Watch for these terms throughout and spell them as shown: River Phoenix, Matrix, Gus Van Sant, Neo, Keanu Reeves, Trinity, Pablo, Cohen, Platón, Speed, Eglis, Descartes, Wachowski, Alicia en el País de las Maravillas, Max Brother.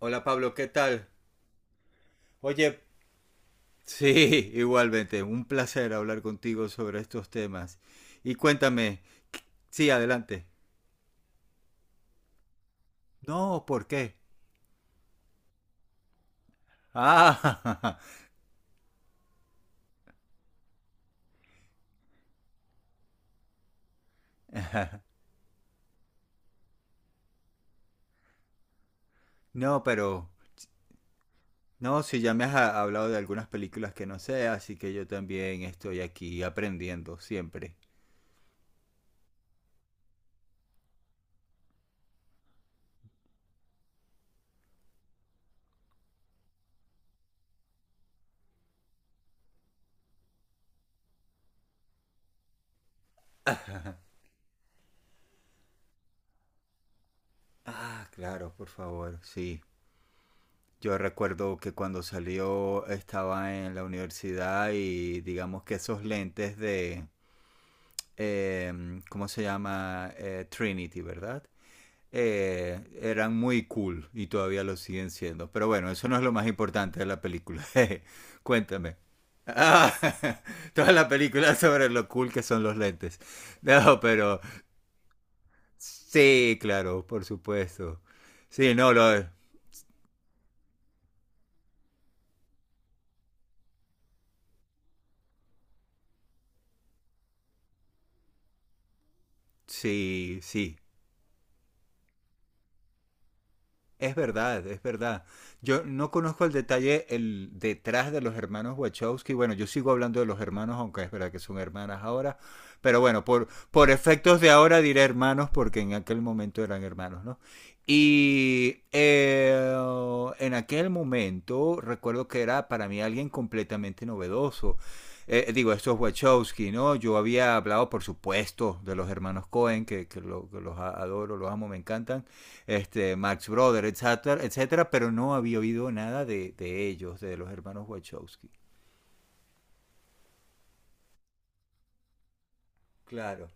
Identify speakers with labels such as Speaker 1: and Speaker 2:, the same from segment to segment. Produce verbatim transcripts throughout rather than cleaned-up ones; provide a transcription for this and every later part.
Speaker 1: Hola Pablo, ¿qué tal? Oye, sí, igualmente, un placer hablar contigo sobre estos temas. Y cuéntame, sí, adelante. No, ¿por qué? Ah, no, pero no, si ya me has ha- hablado de algunas películas que no sé, así que yo también estoy aquí aprendiendo siempre. Ah, claro, por favor, sí. Yo recuerdo que cuando salió estaba en la universidad y digamos que esos lentes de eh, ¿cómo se llama? Eh, Trinity, ¿verdad? Eh, eran muy cool y todavía lo siguen siendo. Pero bueno, eso no es lo más importante de la película. Cuéntame. Ah, toda la película sobre lo cool que son los lentes. No, pero sí, claro, por supuesto. Sí, no, lo, sí, sí. Es verdad, es verdad. Yo no conozco el detalle el detrás de los hermanos Wachowski. Bueno, yo sigo hablando de los hermanos, aunque es verdad que son hermanas ahora. Pero bueno, por, por efectos de ahora diré hermanos, porque en aquel momento eran hermanos, ¿no? Y eh, en aquel momento recuerdo que era para mí alguien completamente novedoso. Eh, digo, estos Wachowski, ¿no? Yo había hablado, por supuesto, de los hermanos Cohen, que, que, lo, que los a- adoro, los amo, me encantan este, Max Brother, etcétera, etcétera, pero no había oído nada de, de ellos, de los hermanos Wachowski. Claro.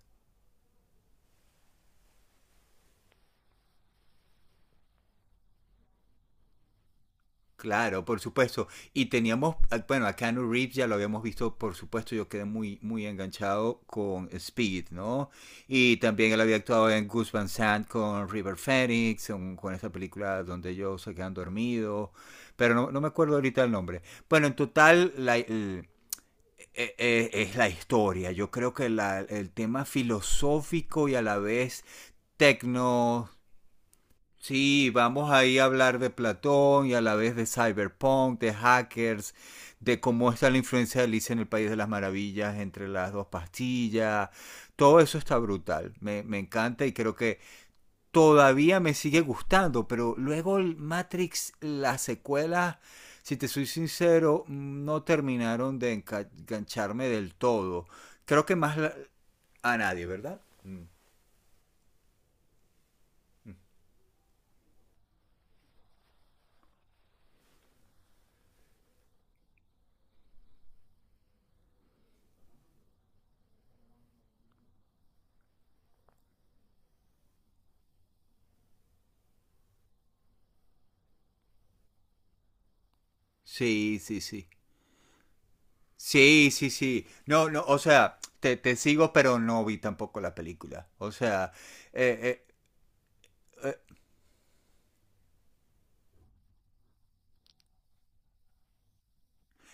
Speaker 1: Claro, por supuesto. Y teníamos, ah, bueno, a Keanu Reeves ya lo habíamos visto, por supuesto, yo quedé muy, muy enganchado con Speed, ¿no? Y también él había actuado en Gus Van Sant con River Phoenix, con, con esta película donde ellos se quedan dormidos, pero no, no me acuerdo ahorita el nombre. Bueno, en total, la, la, eh, eh, es la historia. Yo creo que la- el tema filosófico y a la vez tecno. Sí, vamos ahí a hablar de Platón y a la vez de cyberpunk, de hackers, de cómo está la influencia de Alicia en el País de las Maravillas entre las dos pastillas. Todo eso está brutal. Me, me encanta y creo que todavía me sigue gustando, pero luego el Matrix, las secuelas, si te soy sincero, no terminaron de engancharme del todo. Creo que más la- a nadie, ¿verdad? Mm. Sí, sí, sí. Sí, sí, sí. No, no, o sea, te, te sigo, pero no vi tampoco la película. O sea, eh, eh,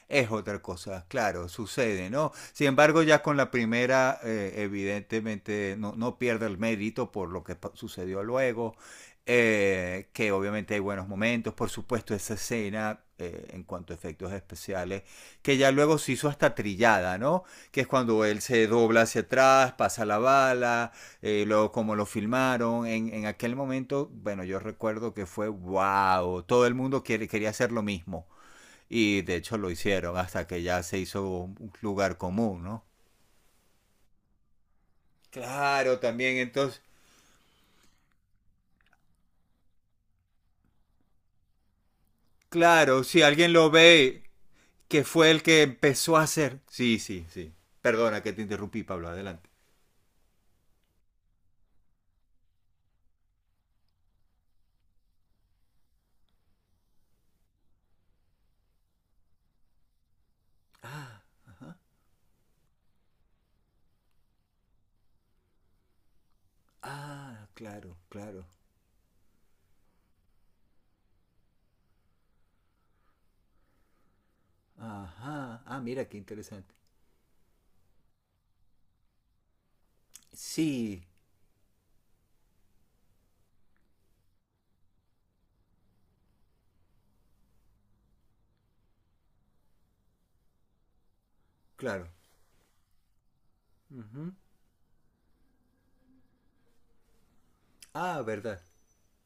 Speaker 1: es otra cosa, claro, sucede, ¿no? Sin embargo, ya con la primera, eh, evidentemente, no, no pierde el mérito por lo que sucedió luego, eh, que obviamente hay buenos momentos, por supuesto, esa escena eh, en cuanto a efectos especiales, que ya luego se hizo hasta trillada, ¿no? Que es cuando él se dobla hacia atrás, pasa la bala, eh, luego como lo filmaron, en, en, aquel momento, bueno, yo recuerdo que fue, wow, todo el mundo quiere, quería hacer lo mismo y de hecho lo hicieron hasta que ya se hizo un lugar común, ¿no? Claro, también entonces, claro, si alguien lo ve, que fue el que empezó a hacer. Sí, sí, sí. Perdona que te interrumpí, Pablo, adelante. Ah, claro, claro. Ajá. Ah, mira qué interesante. Sí, claro. Ujú. Ah, verdad.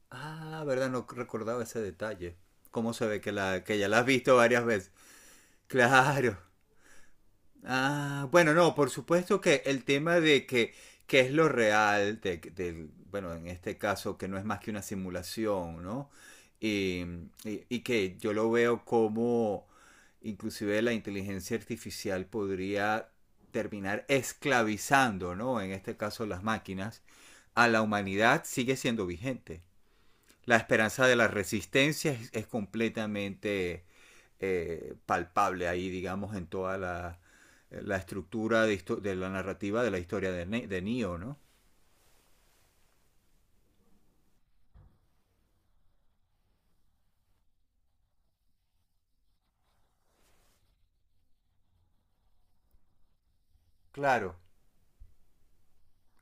Speaker 1: Ah, verdad, no recordaba ese detalle. ¿Cómo se ve que la, que ya la has visto varias veces? Claro. Ah, bueno, no, por supuesto que el tema de que, que es lo real, de, del- bueno, en este caso que no es más que una simulación, ¿no? Y y- y que yo lo veo como inclusive la inteligencia artificial podría terminar esclavizando, ¿no? En este caso las máquinas, a la humanidad sigue siendo vigente. La esperanza de la resistencia es, es completamente eh, palpable ahí, digamos, en toda la, eh, la estructura de, de, la narrativa de la historia de, ne de Neo, ¿no? Claro,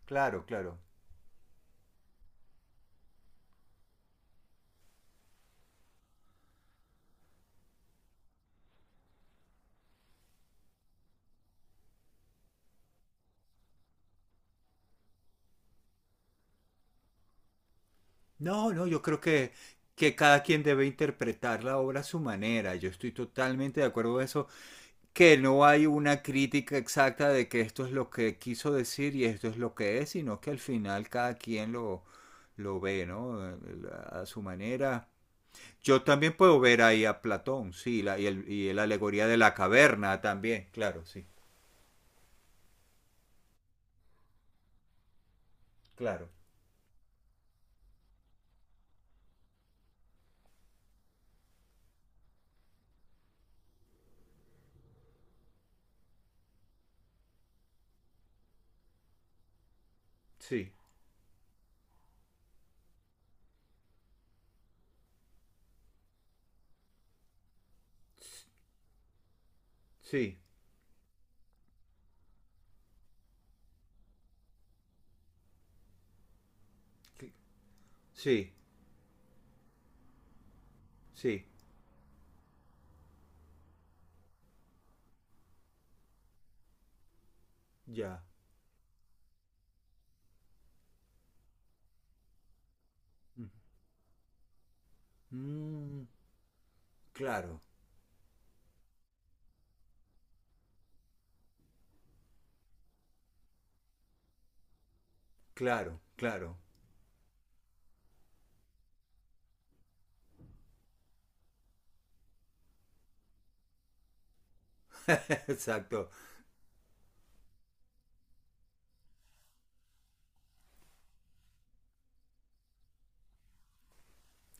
Speaker 1: claro, claro. No, no, yo creo que, que cada quien debe interpretar la obra a su manera. Yo estoy totalmente de acuerdo con eso, que no hay una crítica exacta de que esto es lo que quiso decir y esto es lo que es, sino que al final cada quien lo, lo ve, ¿no? Eh, A su manera. Yo también puedo ver ahí a Platón, sí, la, y, el, y la alegoría de la caverna también, claro, sí, claro, sí, sí, sí, sí, ya. Mm, claro, claro, claro, exacto,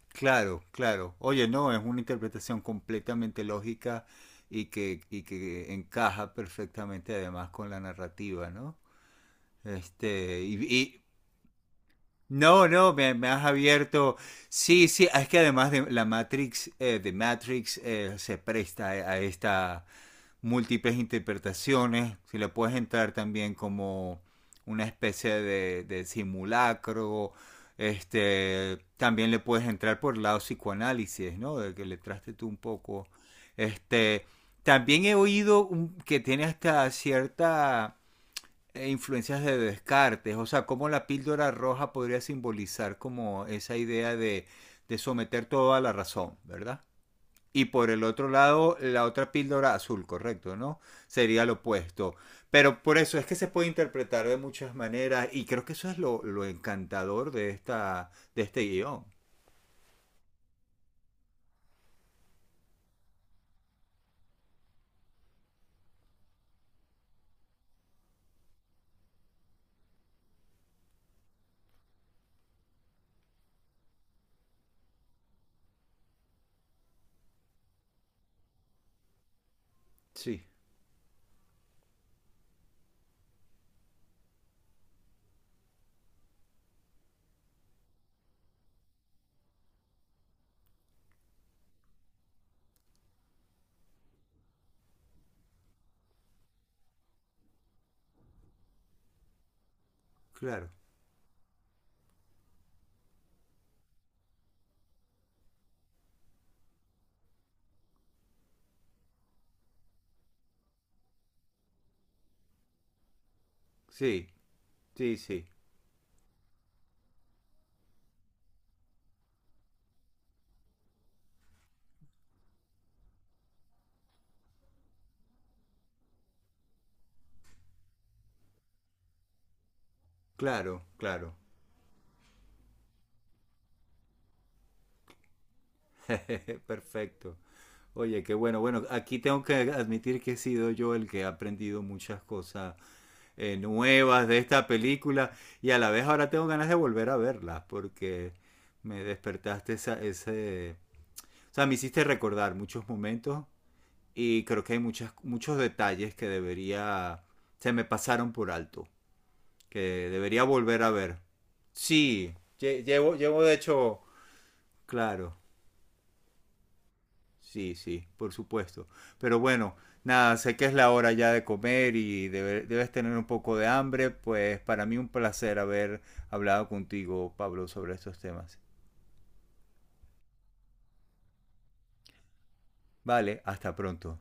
Speaker 1: claro, claro. Oye, no, es una interpretación completamente lógica y que, y que encaja perfectamente además con la narrativa, ¿no? Este, y, y No, no, me, me has abierto. Sí, sí, es que además de la Matrix, eh, de Matrix eh, se presta a, a estas múltiples interpretaciones. Si le puedes entrar también como una especie de, de simulacro. Este, también le puedes entrar por el lado psicoanálisis, ¿no? De que le traste tú un poco. Este, también he oído un- que tiene hasta cierta e influencias de Descartes, o sea, cómo la píldora roja podría simbolizar como esa idea de, de someter todo a la razón, ¿verdad? Y por el otro lado, la otra píldora azul, correcto, ¿no? Sería lo opuesto. Pero por eso es que se puede interpretar de muchas maneras y creo que eso es lo, lo encantador de esta, de este guión. Sí, claro. Sí, sí, sí. Claro, claro. Perfecto. Oye, qué bueno. Bueno, aquí tengo que admitir que he sido yo el que ha aprendido muchas cosas eh, nuevas de esta película y a la vez ahora tengo ganas de volver a verlas porque me despertaste esa, ese... O sea, me hiciste recordar muchos momentos y creo que hay muchas, muchos detalles que debería... Se me pasaron por alto, que debería volver a ver. Sí, lle- llevo, llevo de hecho... Claro. Sí, sí, por supuesto. Pero bueno, nada, sé que es la hora ya de comer y debe- debes tener un poco de hambre, pues para mí un placer haber hablado contigo, Pablo, sobre estos temas. Vale, hasta pronto.